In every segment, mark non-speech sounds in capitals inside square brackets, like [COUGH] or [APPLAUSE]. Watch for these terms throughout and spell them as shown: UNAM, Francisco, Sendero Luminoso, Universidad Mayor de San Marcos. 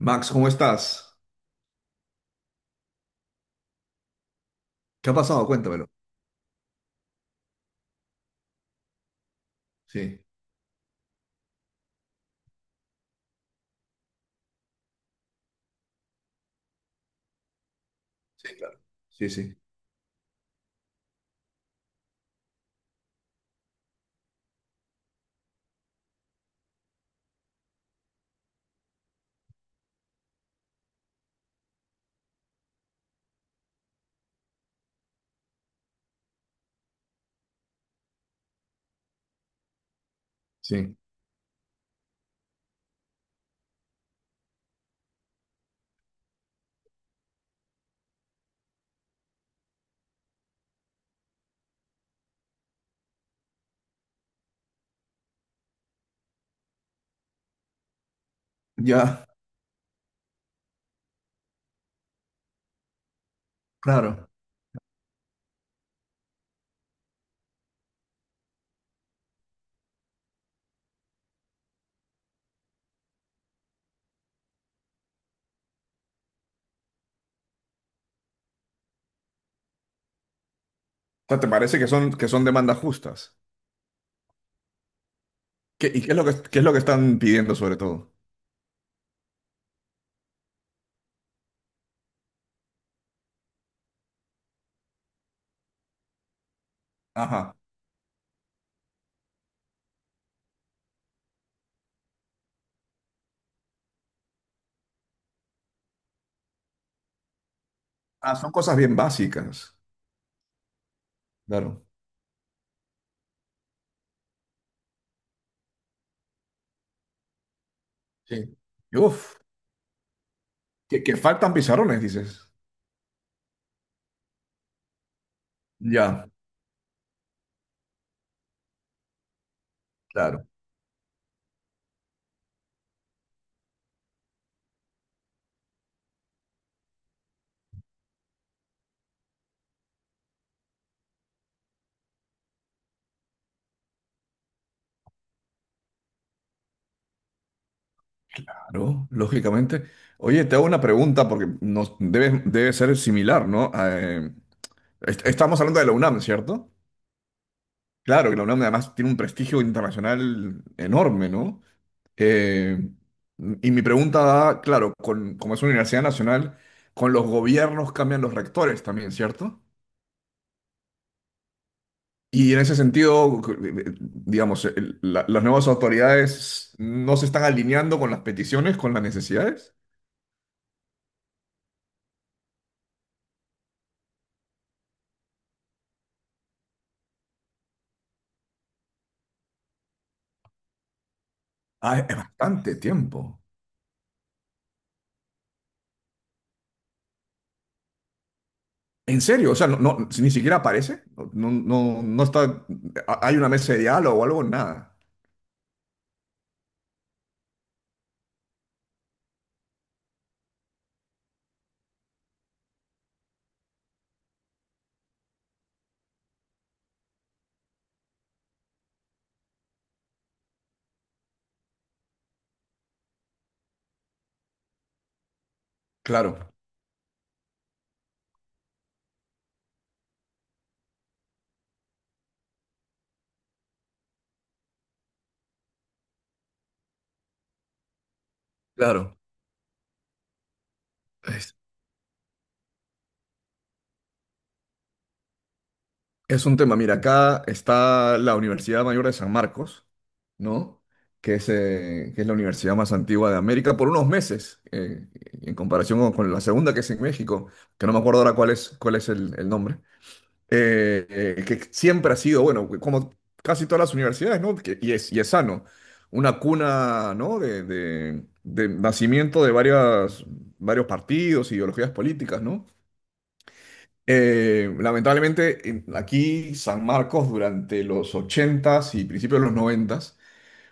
Max, ¿cómo estás? ¿Qué ha pasado? Cuéntamelo. Sí, sí, claro. Sí, sí, sí. Ya, claro. O sea, ¿te parece que son demandas justas? ¿Qué, y qué es lo que, qué es lo que están pidiendo sobre todo? Ajá. Ah, son cosas bien básicas. Claro. Sí. Y uf, que faltan pizarrones, dices. Ya, claro. Claro, lógicamente. Oye, te hago una pregunta porque nos debe, debe ser similar, ¿no? Estamos hablando de la UNAM, ¿cierto? Claro que la UNAM además tiene un prestigio internacional enorme, ¿no? Eh, y mi pregunta va, claro, con, como es una universidad nacional, con los gobiernos cambian los rectores también, ¿cierto? Y en ese sentido, digamos, las nuevas autoridades no se están alineando con las peticiones, con las necesidades. Ah, es bastante tiempo. En serio, o sea, si ni siquiera aparece. No, no, no está. ¿Hay una mesa de diálogo o algo? Nada. Claro, claro. Es un tema, mira, acá está la Universidad Mayor de San Marcos, ¿no? Que es la universidad más antigua de América por unos meses, en comparación con la segunda que es en México, que no me acuerdo ahora cuál es el nombre. Que siempre ha sido, bueno, como casi todas las universidades, ¿no? Y es, y es sano, una cuna, ¿no? De nacimiento de varias, varios partidos, ideologías políticas, ¿no? Lamentablemente, aquí San Marcos durante los ochentas y principios de los noventas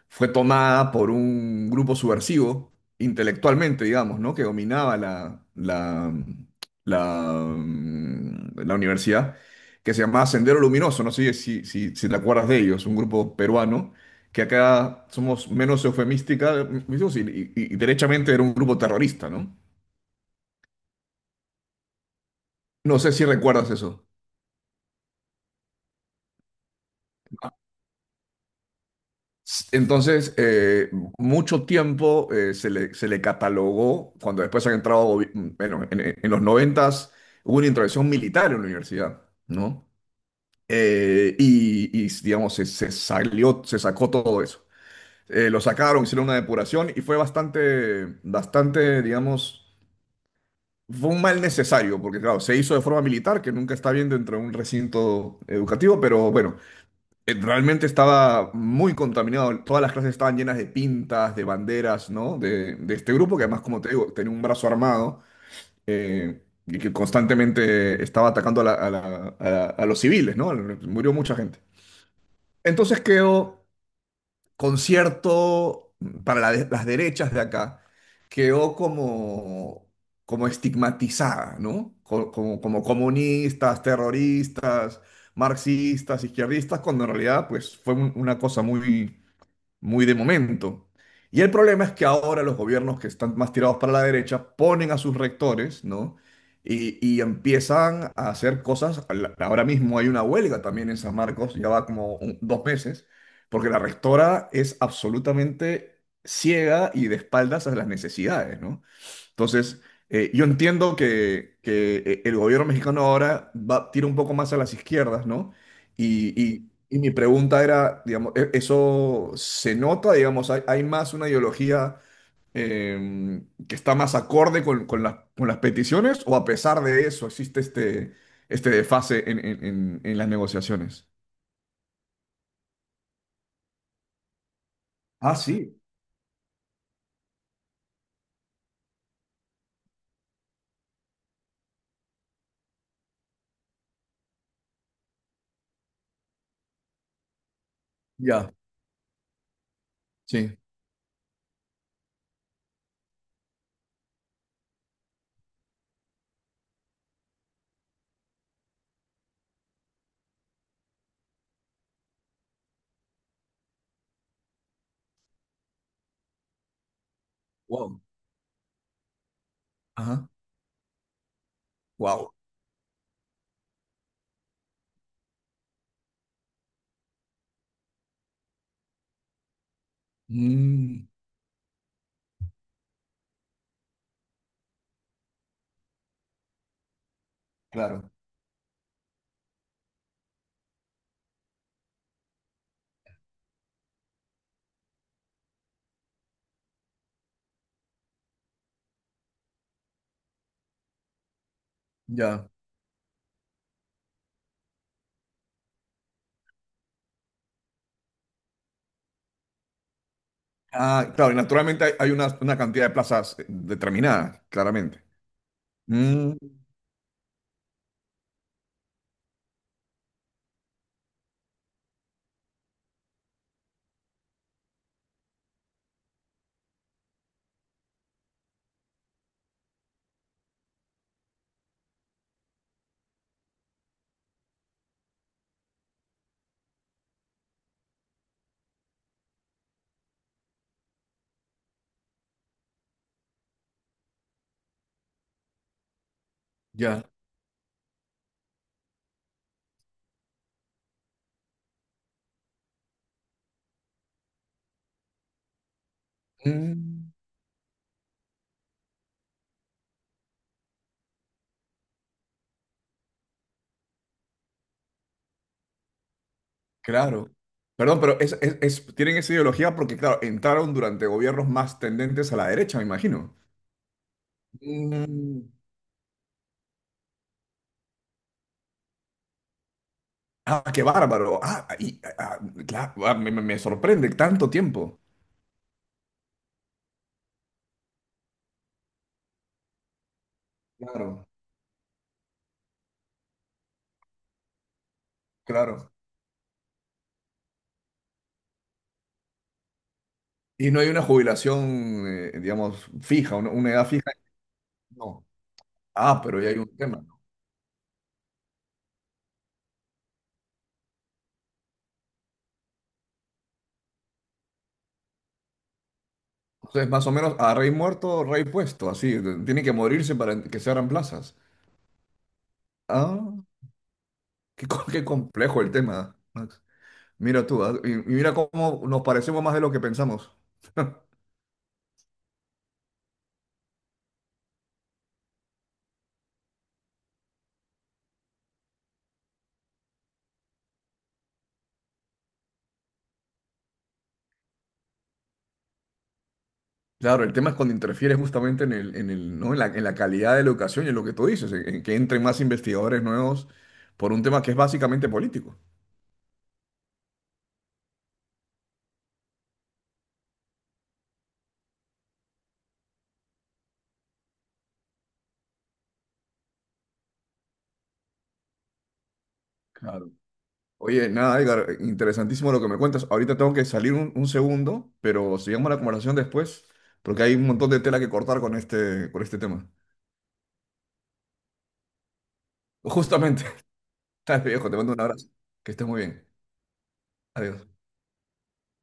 fue tomada por un grupo subversivo, intelectualmente, digamos, ¿no? Que dominaba la, la universidad, que se llamaba Sendero Luminoso, no sé si te acuerdas de ellos, un grupo peruano, que acá somos menos eufemística, mm, y, y derechamente era un grupo terrorista, ¿no? No sé si recuerdas eso. Entonces, mucho tiempo se le catalogó, cuando después han entrado, bueno, en los noventas hubo una intervención militar en la universidad, ¿no? Y, y, digamos, se salió, se sacó todo eso. Lo sacaron, hicieron una depuración y fue bastante, bastante, digamos, fue un mal necesario, porque claro, se hizo de forma militar, que nunca está bien dentro de un recinto educativo, pero bueno, realmente estaba muy contaminado. Todas las clases estaban llenas de pintas, de banderas, ¿no? De este grupo que además, como te digo, tenía un brazo armado, y que constantemente estaba atacando a, a los civiles, ¿no? Murió mucha gente. Entonces quedó concierto para las derechas de acá, quedó como, como estigmatizada, ¿no? Como, como comunistas, terroristas, marxistas, izquierdistas, cuando en realidad pues fue una cosa muy muy de momento. Y el problema es que ahora los gobiernos que están más tirados para la derecha ponen a sus rectores, ¿no? Y empiezan a hacer cosas. Ahora mismo hay una huelga también en San Marcos, ya va como dos meses, porque la rectora es absolutamente ciega y de espaldas a las necesidades, ¿no? Entonces, yo entiendo que, el gobierno mexicano ahora va, tira un poco más a las izquierdas, ¿no? Y, y mi pregunta era, digamos, ¿eso se nota? Digamos, ¿hay, hay más una ideología eh, que está más acorde con, con las peticiones? ¿O a pesar de eso existe este, este desfase en, en las negociaciones? Ah, sí, ya, sí. Wow. Ajá. Wow. Mm, claro, ya. Ah, claro, y naturalmente hay, hay una cantidad de plazas determinada, claramente. Mm, ya. Mm, claro. Perdón, pero es, tienen esa ideología porque, claro, entraron durante gobiernos más tendentes a la derecha, me imagino. Mm, ah, qué bárbaro. Ah, y, ah, claro, ah, me, me sorprende tanto tiempo. Claro, claro. Y no hay una jubilación, digamos, fija, una edad fija. No. Ah, pero ya hay un tema. Entonces, más o menos, a rey muerto, rey puesto, así. Tienen que morirse para que se abran plazas. Ah, qué, qué complejo el tema, Max. Mira tú, ah, y mira cómo nos parecemos más de lo que pensamos. Claro, el tema es cuando interfiere justamente en el, ¿no? En la, en la calidad de la educación y en lo que tú dices, en que entren más investigadores nuevos por un tema que es básicamente político. Claro. Oye, nada, Edgar, interesantísimo lo que me cuentas. Ahorita tengo que salir un segundo, pero sigamos la conversación después, porque hay un montón de tela que cortar con este tema. Justamente. [LAUGHS] Dale, viejo, te mando un abrazo. Que estés muy bien. Adiós.